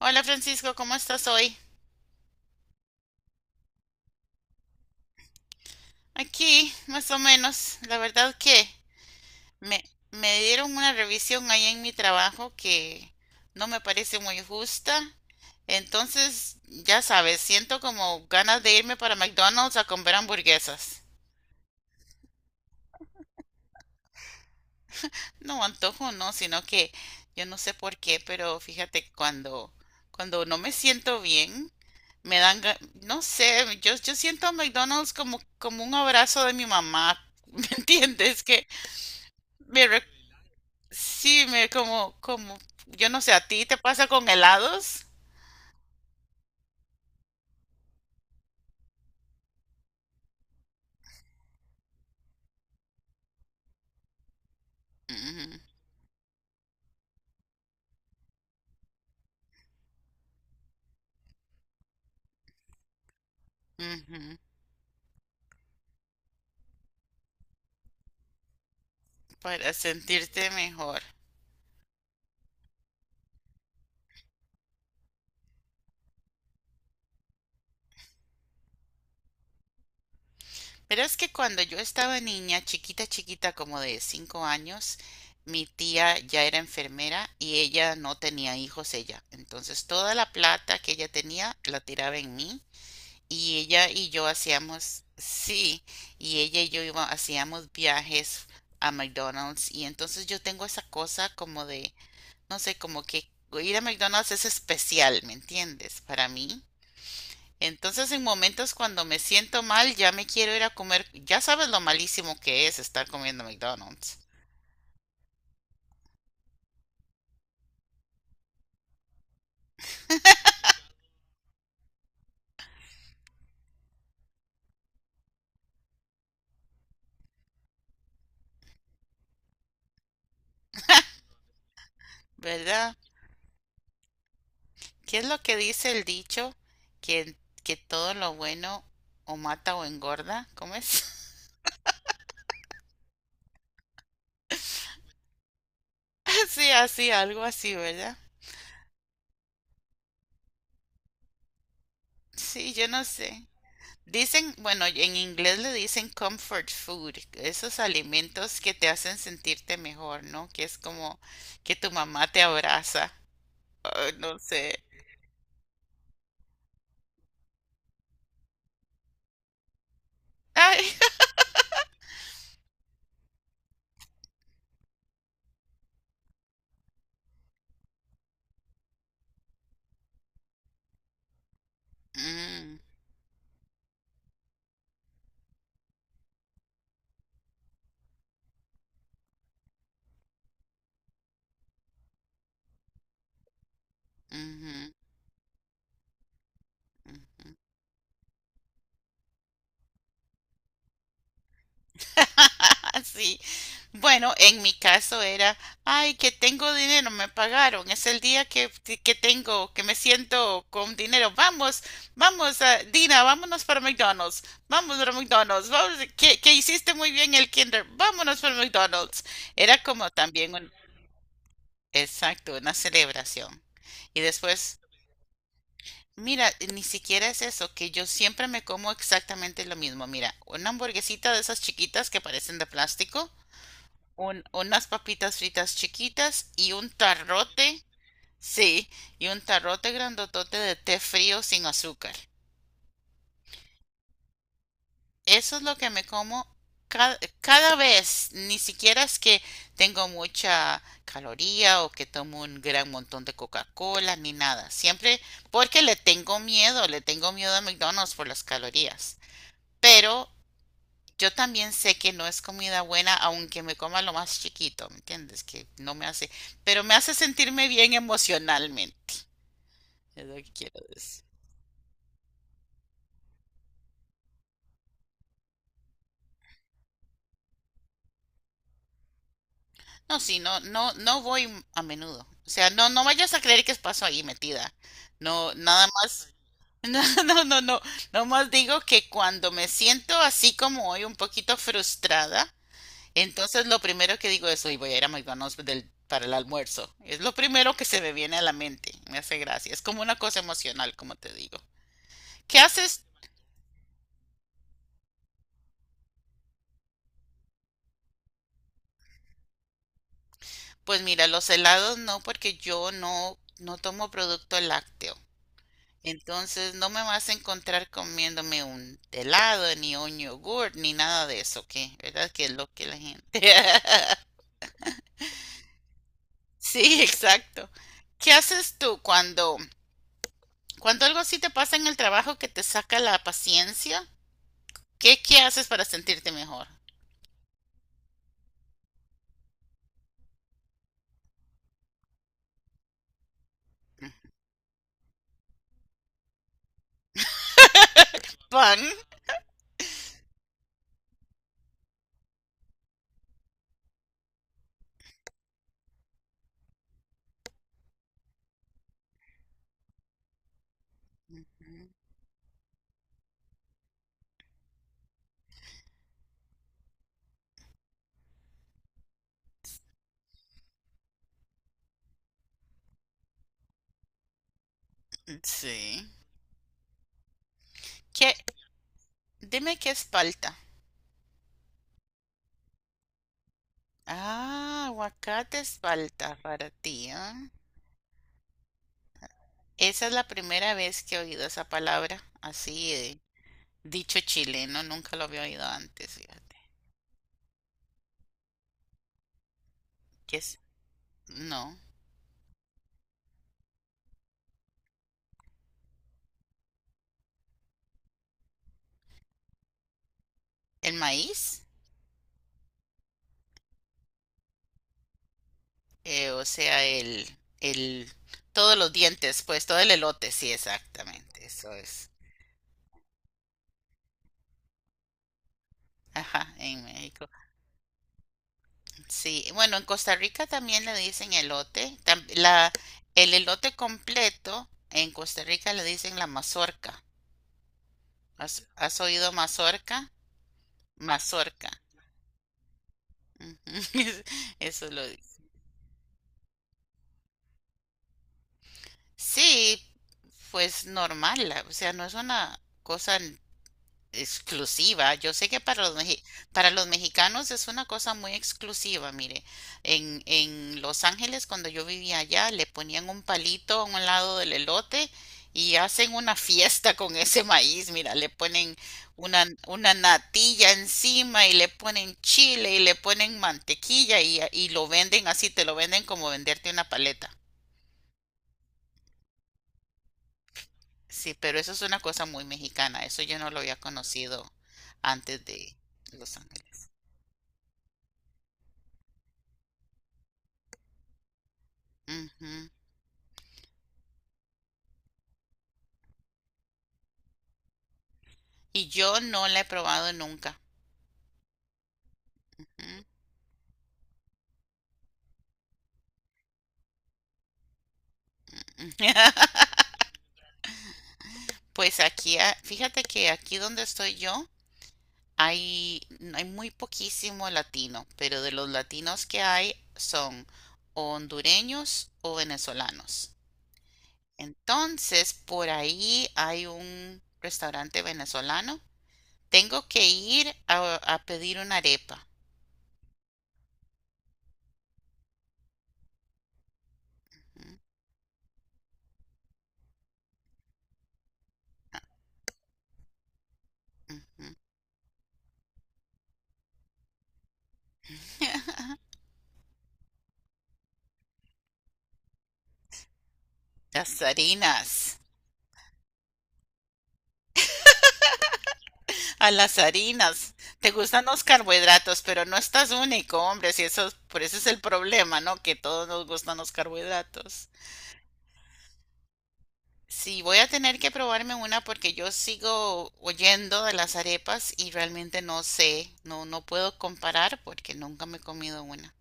Hola Francisco, ¿cómo estás hoy? Aquí, más o menos. La verdad que me, me dieron una revisión ahí en mi trabajo que no me parece muy justa. Entonces, ya sabes, siento como ganas de irme para McDonald's a comer hamburguesas. No antojo, no, sino que yo no sé por qué, pero fíjate, que cuando no me siento bien, me dan, no sé, yo siento a McDonald's como, como un abrazo de mi mamá. ¿Me entiendes? Que recuerda. Sí, me como, como, yo no sé, ¿a ti te pasa con helados? Ujú, ujú, para sentirte mejor. Pero es que cuando yo estaba niña, chiquita, chiquita, como de 5 años, mi tía ya era enfermera y ella no tenía hijos ella. Entonces toda la plata que ella tenía la tiraba en mí y ella y yo hacíamos, sí, y ella y hacíamos viajes a McDonald's y entonces yo tengo esa cosa como de no sé, como que ir a McDonald's es especial, ¿me entiendes? Para mí. Entonces, en momentos cuando me siento mal, ya me quiero ir a comer. Ya sabes lo malísimo que es estar comiendo McDonald's, ¿verdad? ¿Qué es lo que dice el dicho? Que, que todo lo bueno o mata o engorda, ¿cómo es? Sí, así, algo así, ¿verdad? Sí, yo no sé. Dicen, bueno, en inglés le dicen comfort food, esos alimentos que te hacen sentirte mejor, ¿no? Que es como que tu mamá te abraza. Ay, no sé. Ay. Mm, ujú, ujú. Sí. Bueno, en mi caso era, ay, que tengo dinero, me pagaron, es el día que tengo, que me siento con dinero. Vamos, vamos, ah, Dina, vámonos para McDonald's, vamos, que hiciste muy bien el kinder, vámonos para McDonald's. Era como también un, exacto, una celebración. Y después, mira, ni siquiera es eso, que yo siempre me como exactamente lo mismo. Mira, una hamburguesita de esas chiquitas que parecen de plástico unas papitas fritas chiquitas y un tarrote, sí, y un tarrote grandotote de té frío sin azúcar. Eso es lo que me como cada vez, ni siquiera es que tengo mucha caloría o que tomo un gran montón de Coca-Cola ni nada. Siempre porque le tengo miedo a McDonald's por las calorías. Pero yo también sé que no es comida buena, aunque me coma lo más chiquito, ¿me entiendes? Que no me hace, pero me hace sentirme bien emocionalmente, es lo que quiero decir. No, sí, no, no, no voy a menudo. O sea, no, no vayas a creer que paso ahí metida. No, nada más. No, no, no, no. No más digo que cuando me siento así como hoy, un poquito frustrada, entonces lo primero que digo es, hoy voy a ir a McDonald's para el almuerzo. Es lo primero que se me viene a la mente. Me hace gracia. Es como una cosa emocional, como te digo. ¿Qué haces? Pues mira, los helados no, porque yo no, no tomo producto lácteo. Entonces no me vas a encontrar comiéndome un helado, ni un yogurt, ni nada de eso, ¿qué? ¿Verdad? Que es lo que la gente... Sí, exacto. ¿Qué haces tú cuando algo así te pasa en el trabajo que te saca la paciencia? ¿Qué, qué haces para sentirte mejor? Pan, sí. ¿Qué? Dime qué es palta. Ah, aguacate es palta para ti, ¿ah? Esa es la primera vez que he oído esa palabra, así de dicho chileno, nunca lo había oído antes, fíjate. ¿Qué es? No. ¿El maíz? O sea, el, todos los dientes, pues, todo el elote, sí, exactamente, eso es. Ajá, en México. Sí, bueno, en Costa Rica también le dicen elote. El elote completo en Costa Rica le dicen la mazorca. ¿Has oído mazorca? Mazorca. Ujú. Eso lo dice. Sí, pues normal, o sea, no es una cosa exclusiva. Yo sé que para para los mexicanos es una cosa muy exclusiva. Mire, en Los Ángeles, cuando yo vivía allá, le ponían un palito a un lado del elote y hacen una fiesta con ese maíz. Mira, le ponen una natilla encima y le ponen chile y le ponen mantequilla y lo venden así, te lo venden como venderte una paleta. Sí, pero eso es una cosa muy mexicana. Eso yo no lo había conocido antes de Los Ángeles. Ujú. Y yo no la he probado nunca. Pues aquí, ah, fíjate que aquí donde estoy yo hay, hay muy poquísimo latino, pero de los latinos que hay son o hondureños o venezolanos. Entonces, por ahí hay un restaurante venezolano. Tengo que ir a pedir una arepa. Ujú. Las harinas. A las harinas. Te gustan los carbohidratos, pero no estás único, hombre. Si eso, por eso es el problema, ¿no? Que todos nos gustan los carbohidratos. Sí, voy a tener que probarme una porque yo sigo oyendo de las arepas y realmente no sé, no, no puedo comparar porque nunca me he comido una.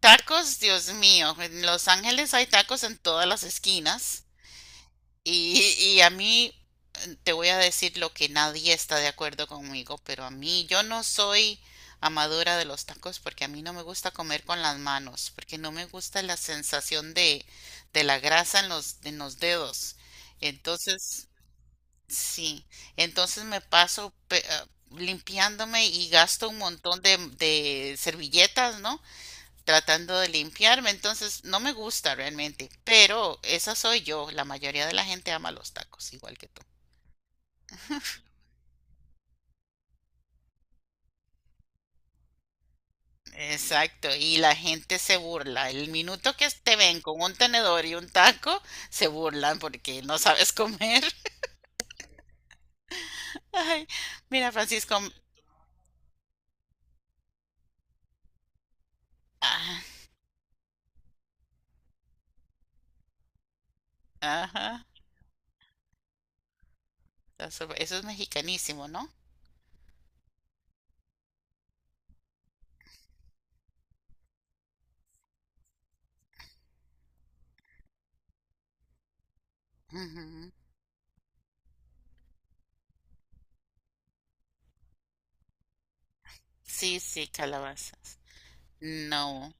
Tacos, Dios mío, en Los Ángeles hay tacos en todas las esquinas y a mí te voy a decir lo que nadie está de acuerdo conmigo, pero a mí yo no soy amadora de los tacos porque a mí no me gusta comer con las manos, porque no me gusta la sensación de la grasa en los dedos. Entonces, sí, entonces me paso pe- ah, limpiándome y gasto un montón de servilletas, ¿no? Tratando de limpiarme, entonces no me gusta realmente, pero esa soy yo, la mayoría de la gente ama los tacos, igual que tú. Exacto, y la gente se burla. El minuto que te ven con un tenedor y un taco, se burlan porque no sabes comer. Ay, mira, Francisco, ah, ajá, eso es mexicanísimo, ¿no? Ujú. Sí, sí, calabazas. No,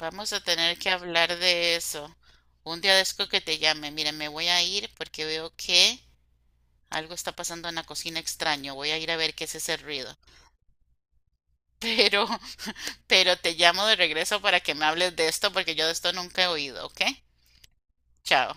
vamos a tener que hablar de eso. Un día de estos que te llame. Mira, me voy a ir porque veo que algo está pasando en la cocina extraño. Voy a ir a ver qué es ese ruido. Pero, pero te llamo de regreso para que me hables de esto porque yo de esto nunca he oído, ¿ok? Chao.